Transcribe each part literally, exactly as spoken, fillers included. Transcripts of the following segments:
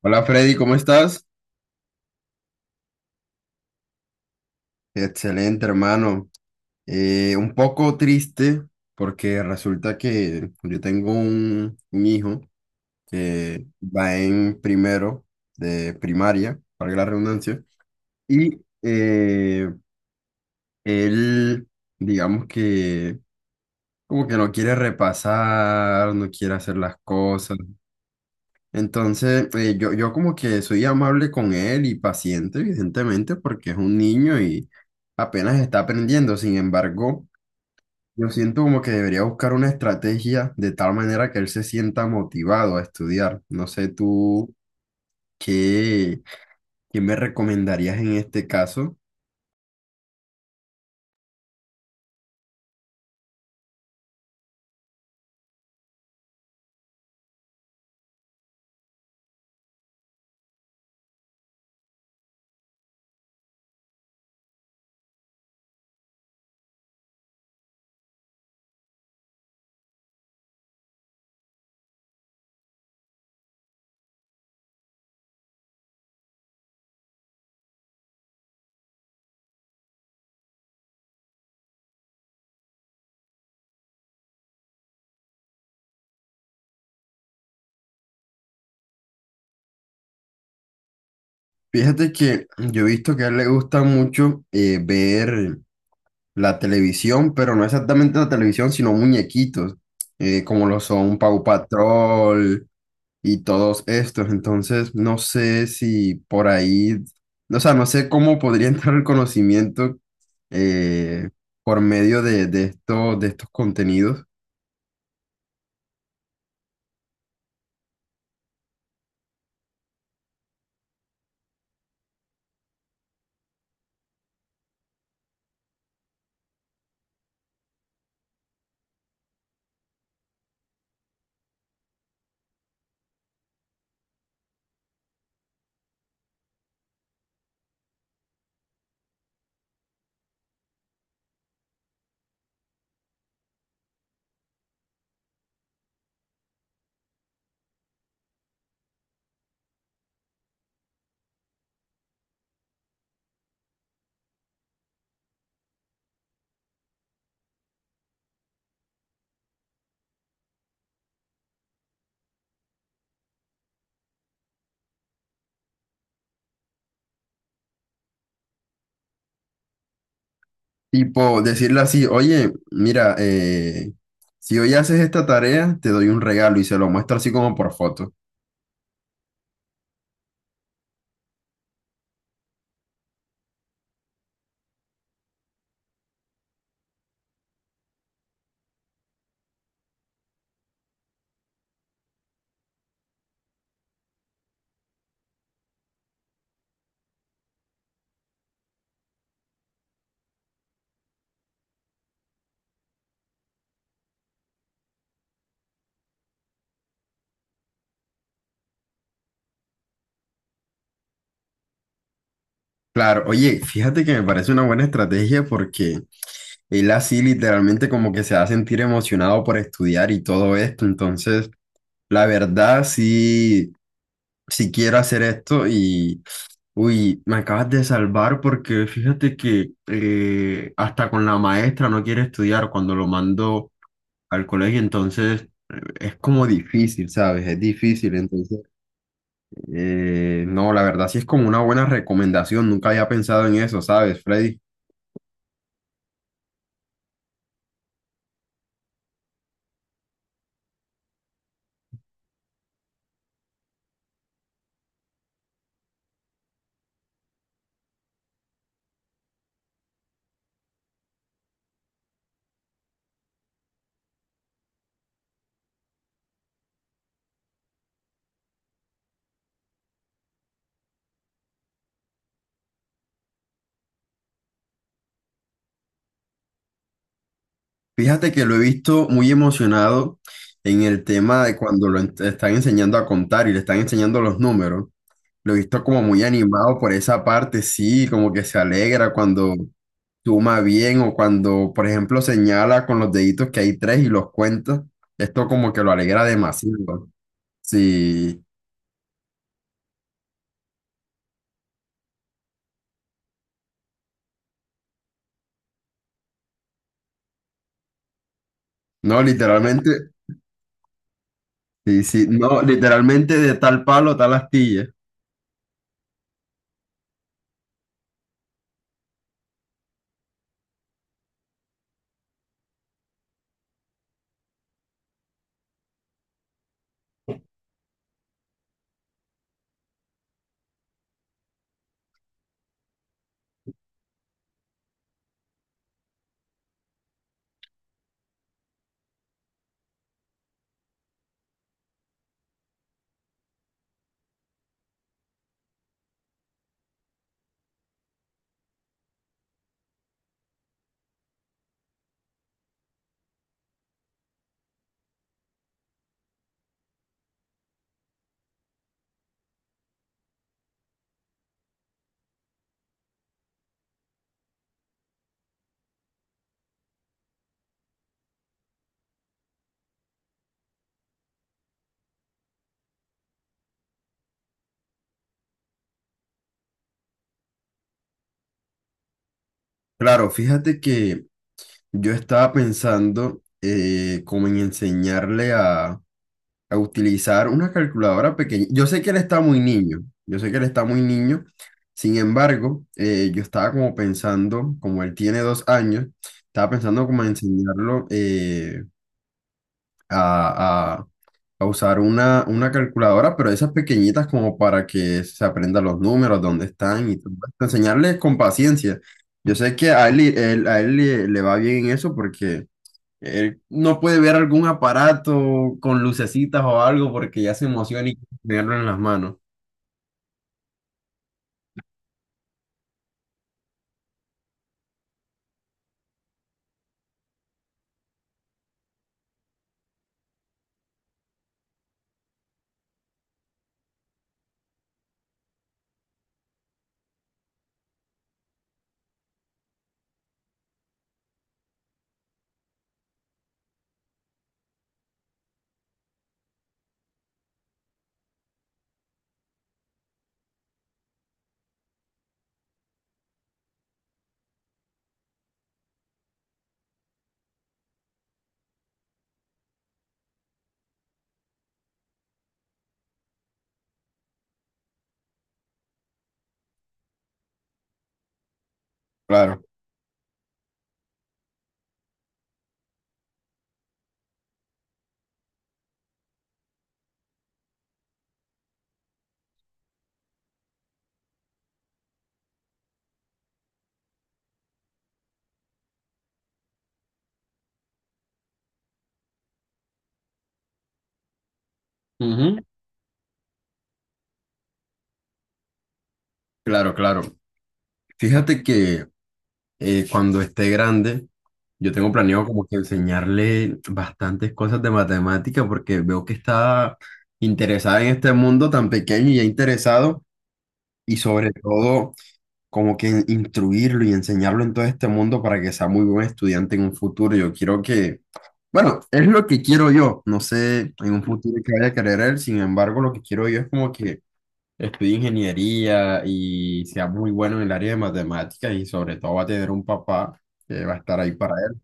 Hola, Freddy, ¿cómo estás? Excelente, hermano. Eh, un poco triste porque resulta que yo tengo un, un hijo que va en primero de primaria, para la redundancia, y eh, él, digamos que como que no quiere repasar, no quiere hacer las cosas. Entonces, eh, yo, yo como que soy amable con él y paciente, evidentemente, porque es un niño y apenas está aprendiendo. Sin embargo, yo siento como que debería buscar una estrategia de tal manera que él se sienta motivado a estudiar. No sé tú qué, qué me recomendarías en este caso. Fíjate que yo he visto que a él le gusta mucho eh, ver la televisión, pero no exactamente la televisión, sino muñequitos, eh, como lo son Paw Patrol y todos estos. Entonces, no sé si por ahí, o sea, no sé cómo podría entrar el conocimiento eh, por medio de, de, esto- de estos contenidos. Tipo, decirle así, oye, mira, eh, si hoy haces esta tarea, te doy un regalo y se lo muestro así como por foto. Claro, oye, fíjate que me parece una buena estrategia porque él así literalmente como que se va a sentir emocionado por estudiar y todo esto. Entonces, la verdad, sí, si quiero hacer esto y, uy, me acabas de salvar porque fíjate que eh, hasta con la maestra no quiere estudiar cuando lo mando al colegio, entonces eh, es como difícil, ¿sabes? Es difícil, entonces, eh, no, la verdad sí es como una buena recomendación, nunca había pensado en eso, ¿sabes, Freddy? Fíjate que lo he visto muy emocionado en el tema de cuando lo ent- están enseñando a contar y le están enseñando los números. Lo he visto como muy animado por esa parte, sí, como que se alegra cuando suma bien o cuando, por ejemplo, señala con los deditos que hay tres y los cuenta. Esto como que lo alegra demasiado. Sí, no, literalmente, sí, sí, no, literalmente, de tal palo, tal astilla. Claro, fíjate que yo estaba pensando eh, como en enseñarle a, a utilizar una calculadora pequeña. Yo sé que él está muy niño, yo sé que él está muy niño. Sin embargo, eh, yo estaba como pensando, como él tiene dos años, estaba pensando como en enseñarlo eh, a, a- a usar una, una calculadora, pero esas pequeñitas como para que se aprenda los números, dónde están y todo esto. Enseñarle con paciencia. Yo sé que a él, él- a él le le va bien en eso porque él no puede ver algún aparato con lucecitas o algo porque ya se emociona y quiere tenerlo en las manos. Claro. Ujú. Claro, claro. Fíjate que eh, cuando esté grande, yo tengo planeado como que enseñarle bastantes cosas de matemática porque veo que está interesada en este mundo tan pequeño y ya interesado y sobre todo como que instruirlo y enseñarlo en todo este mundo para que sea muy buen estudiante en un futuro. Yo quiero que, bueno, es lo que quiero yo. No sé en un futuro que vaya a querer él. Sin embargo, lo que quiero yo es como que estudie ingeniería y sea muy bueno en el área de matemáticas y sobre todo va a tener un papá que va a estar ahí para él.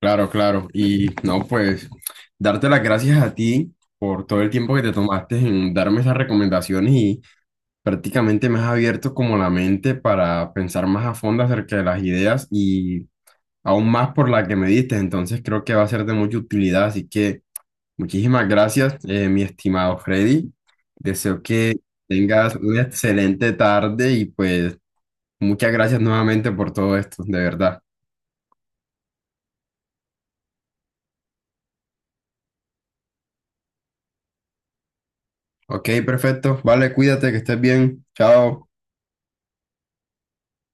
Claro, claro. Y no, pues darte las gracias a ti por todo el tiempo que te tomaste en darme esas recomendaciones y prácticamente me has abierto como la mente para pensar más a fondo acerca de las ideas y aún más por la que me diste, entonces creo que va a ser de mucha utilidad, así que muchísimas gracias, eh, mi estimado Freddy. Deseo que tengas una excelente tarde y pues muchas gracias nuevamente por todo esto, de verdad. Ok, perfecto. Vale, cuídate, que estés bien. Chao.